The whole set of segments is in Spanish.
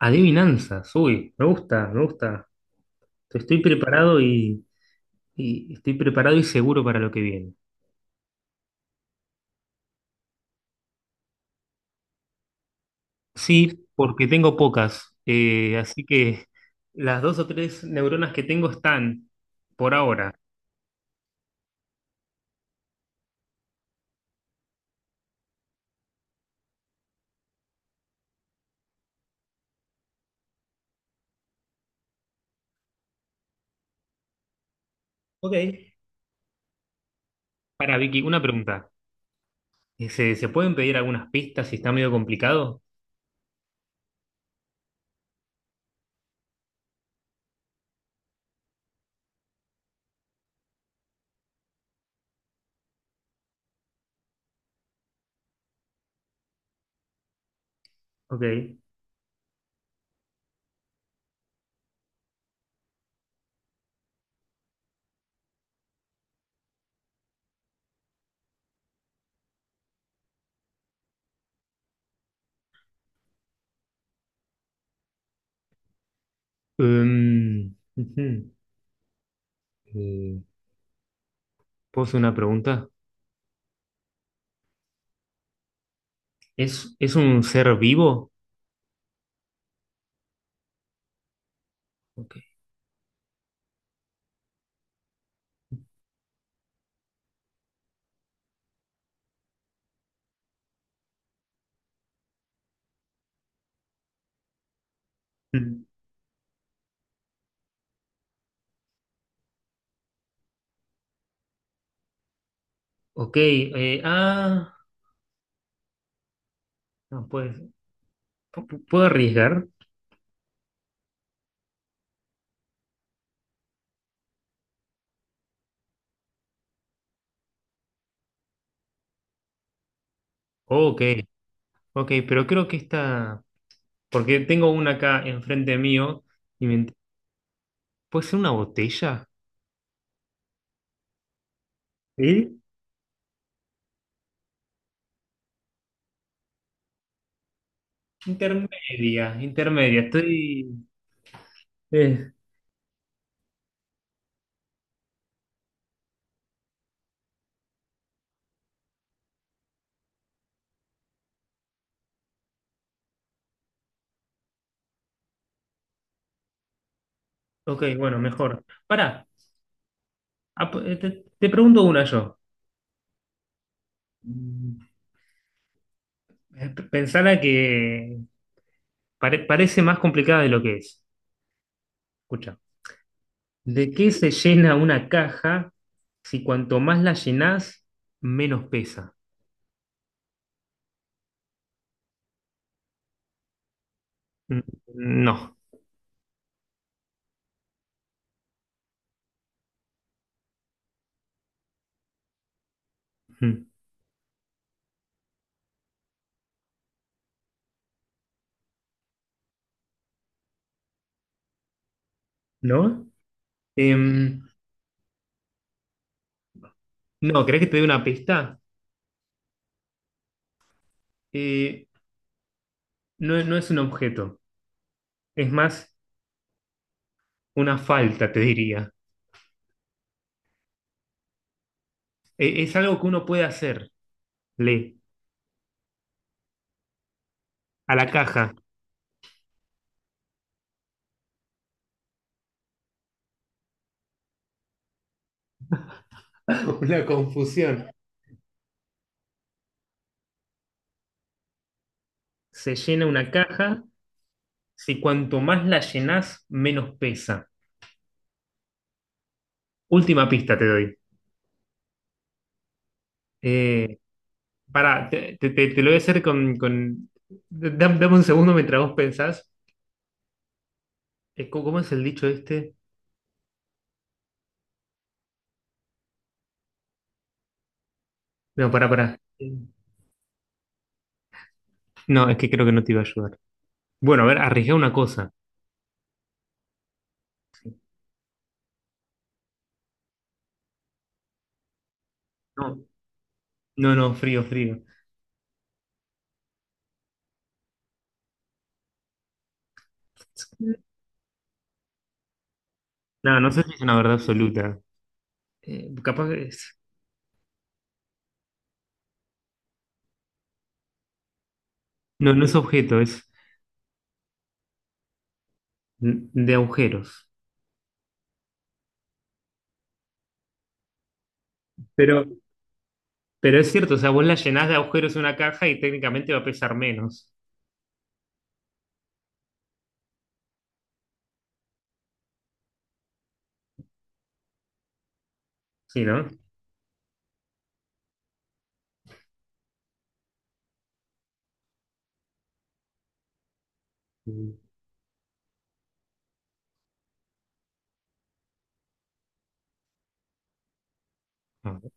Adivinanzas, uy, me gusta, me gusta. Estoy preparado y estoy preparado y seguro para lo que viene. Sí, porque tengo pocas, así que las dos o tres neuronas que tengo están por ahora. Ok. Para Vicky, una pregunta. ¿Se pueden pedir algunas pistas si está medio complicado? Ok. Ujú. Eh, ¿Puedo hacer una pregunta? ¿Es un ser vivo? Ok. Mm. Ok, ah, no, pues. ¿Puedo arriesgar? Ok, ok, pero creo que esta, porque tengo una acá enfrente mío y me ¿Puede ser una botella? ¿Sí? Intermedia, intermedia, eh, ok, bueno, mejor. Pará, te, te pregunto una yo. Mm, Pensala que parece más complicada de lo que es. Escucha, ¿de qué se llena una caja si cuanto más la llenás, menos pesa? Mm, no. Mm, ¿no? Em, no, ¿querés que te dé una pista? Eh, no, no es un objeto, es más una falta, te diría. E- es algo que uno puede hacer, le, a la caja. Una confusión. Se llena una caja, si cuanto más la llenás, menos pesa. Última pista te doy. Eh, pará, te lo voy a hacer con... Dame un segundo mientras vos pensás. ¿Cómo es el dicho este? No, pará, pará. No, es que creo que no te iba a ayudar. Bueno, a ver, arriesgá una cosa. No, no, no, frío, frío. No, no sé si es una verdad absoluta. Capaz que es. No, no es objeto, es de agujeros. Pero, pero es cierto, o sea, vos la llenás de agujeros una caja y técnicamente va a pesar menos. Sí, ¿no? Mm. A ver.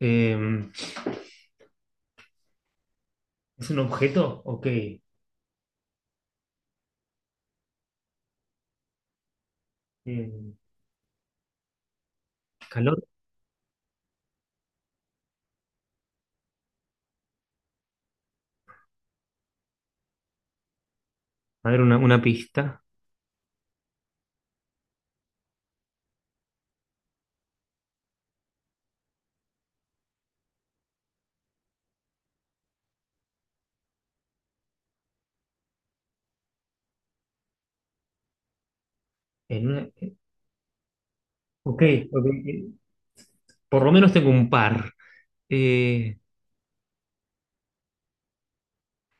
Eh, ¿Es un objeto? Ok. Eh, calor. A ver, una pista. En una- eh, ok, ok. Por lo menos tengo un par. Eh,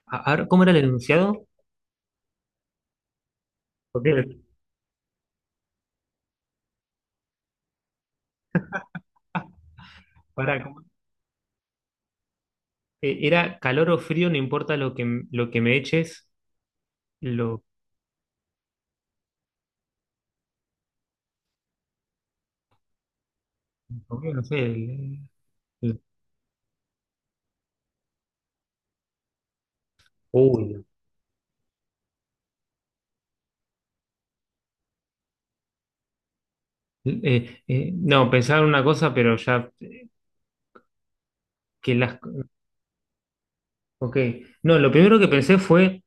a ver, ¿cómo era el enunciado? Ok, para, era calor o frío, no importa lo que me eches, lo no sé, el- Uy. No, pensaba en una cosa, pero ya que las. Ok, no, lo primero que pensé fue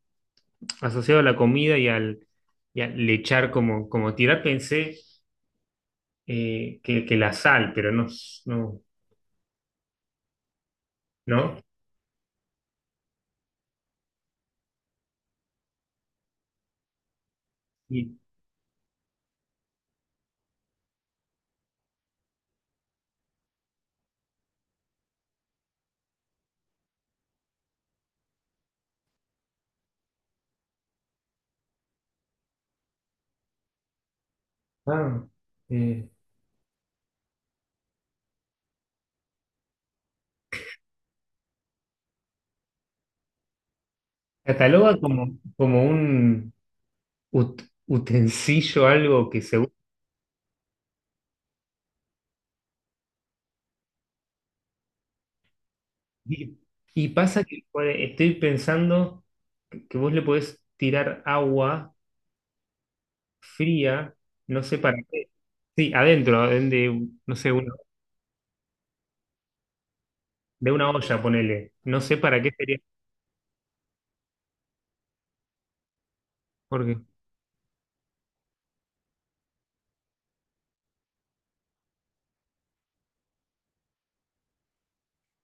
asociado a la comida y al echar como, como tirar, pensé que la sal, pero no, no, ¿no? Y, ah, eh, cataloga como, como un utensilio, algo que se Y, y pasa que pues, estoy pensando que vos le podés tirar agua fría, no sé para qué. Sí, adentro, no sé, de una olla, ponele. No sé para qué sería, porque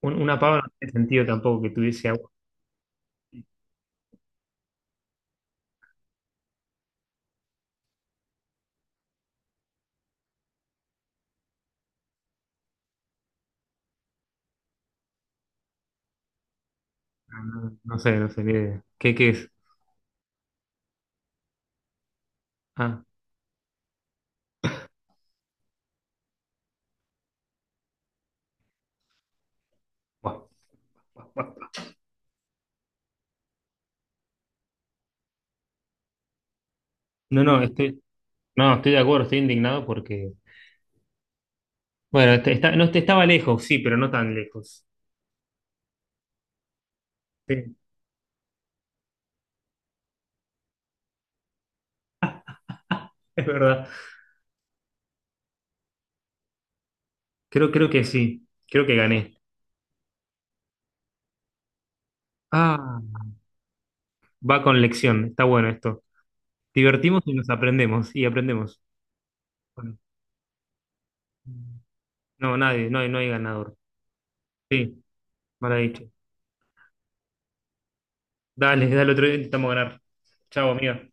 una pava no tiene sentido tampoco que tuviese agua. No, no sé, no sé qué, qué, qué es. Ah, guau, guau, guau. No, no, estoy, no, estoy de acuerdo, estoy indignado porque, bueno, está, no, este estaba lejos, sí, pero no tan lejos. Sí, es verdad. Creo, creo que sí, creo que gané. Ah, va con lección, está bueno esto. Divertimos y nos aprendemos, y aprendemos. Bueno, no, nadie, no hay, no hay ganador. Sí, mal dicho. Dale, dale otro día, intentamos ganar. Chao, amiga.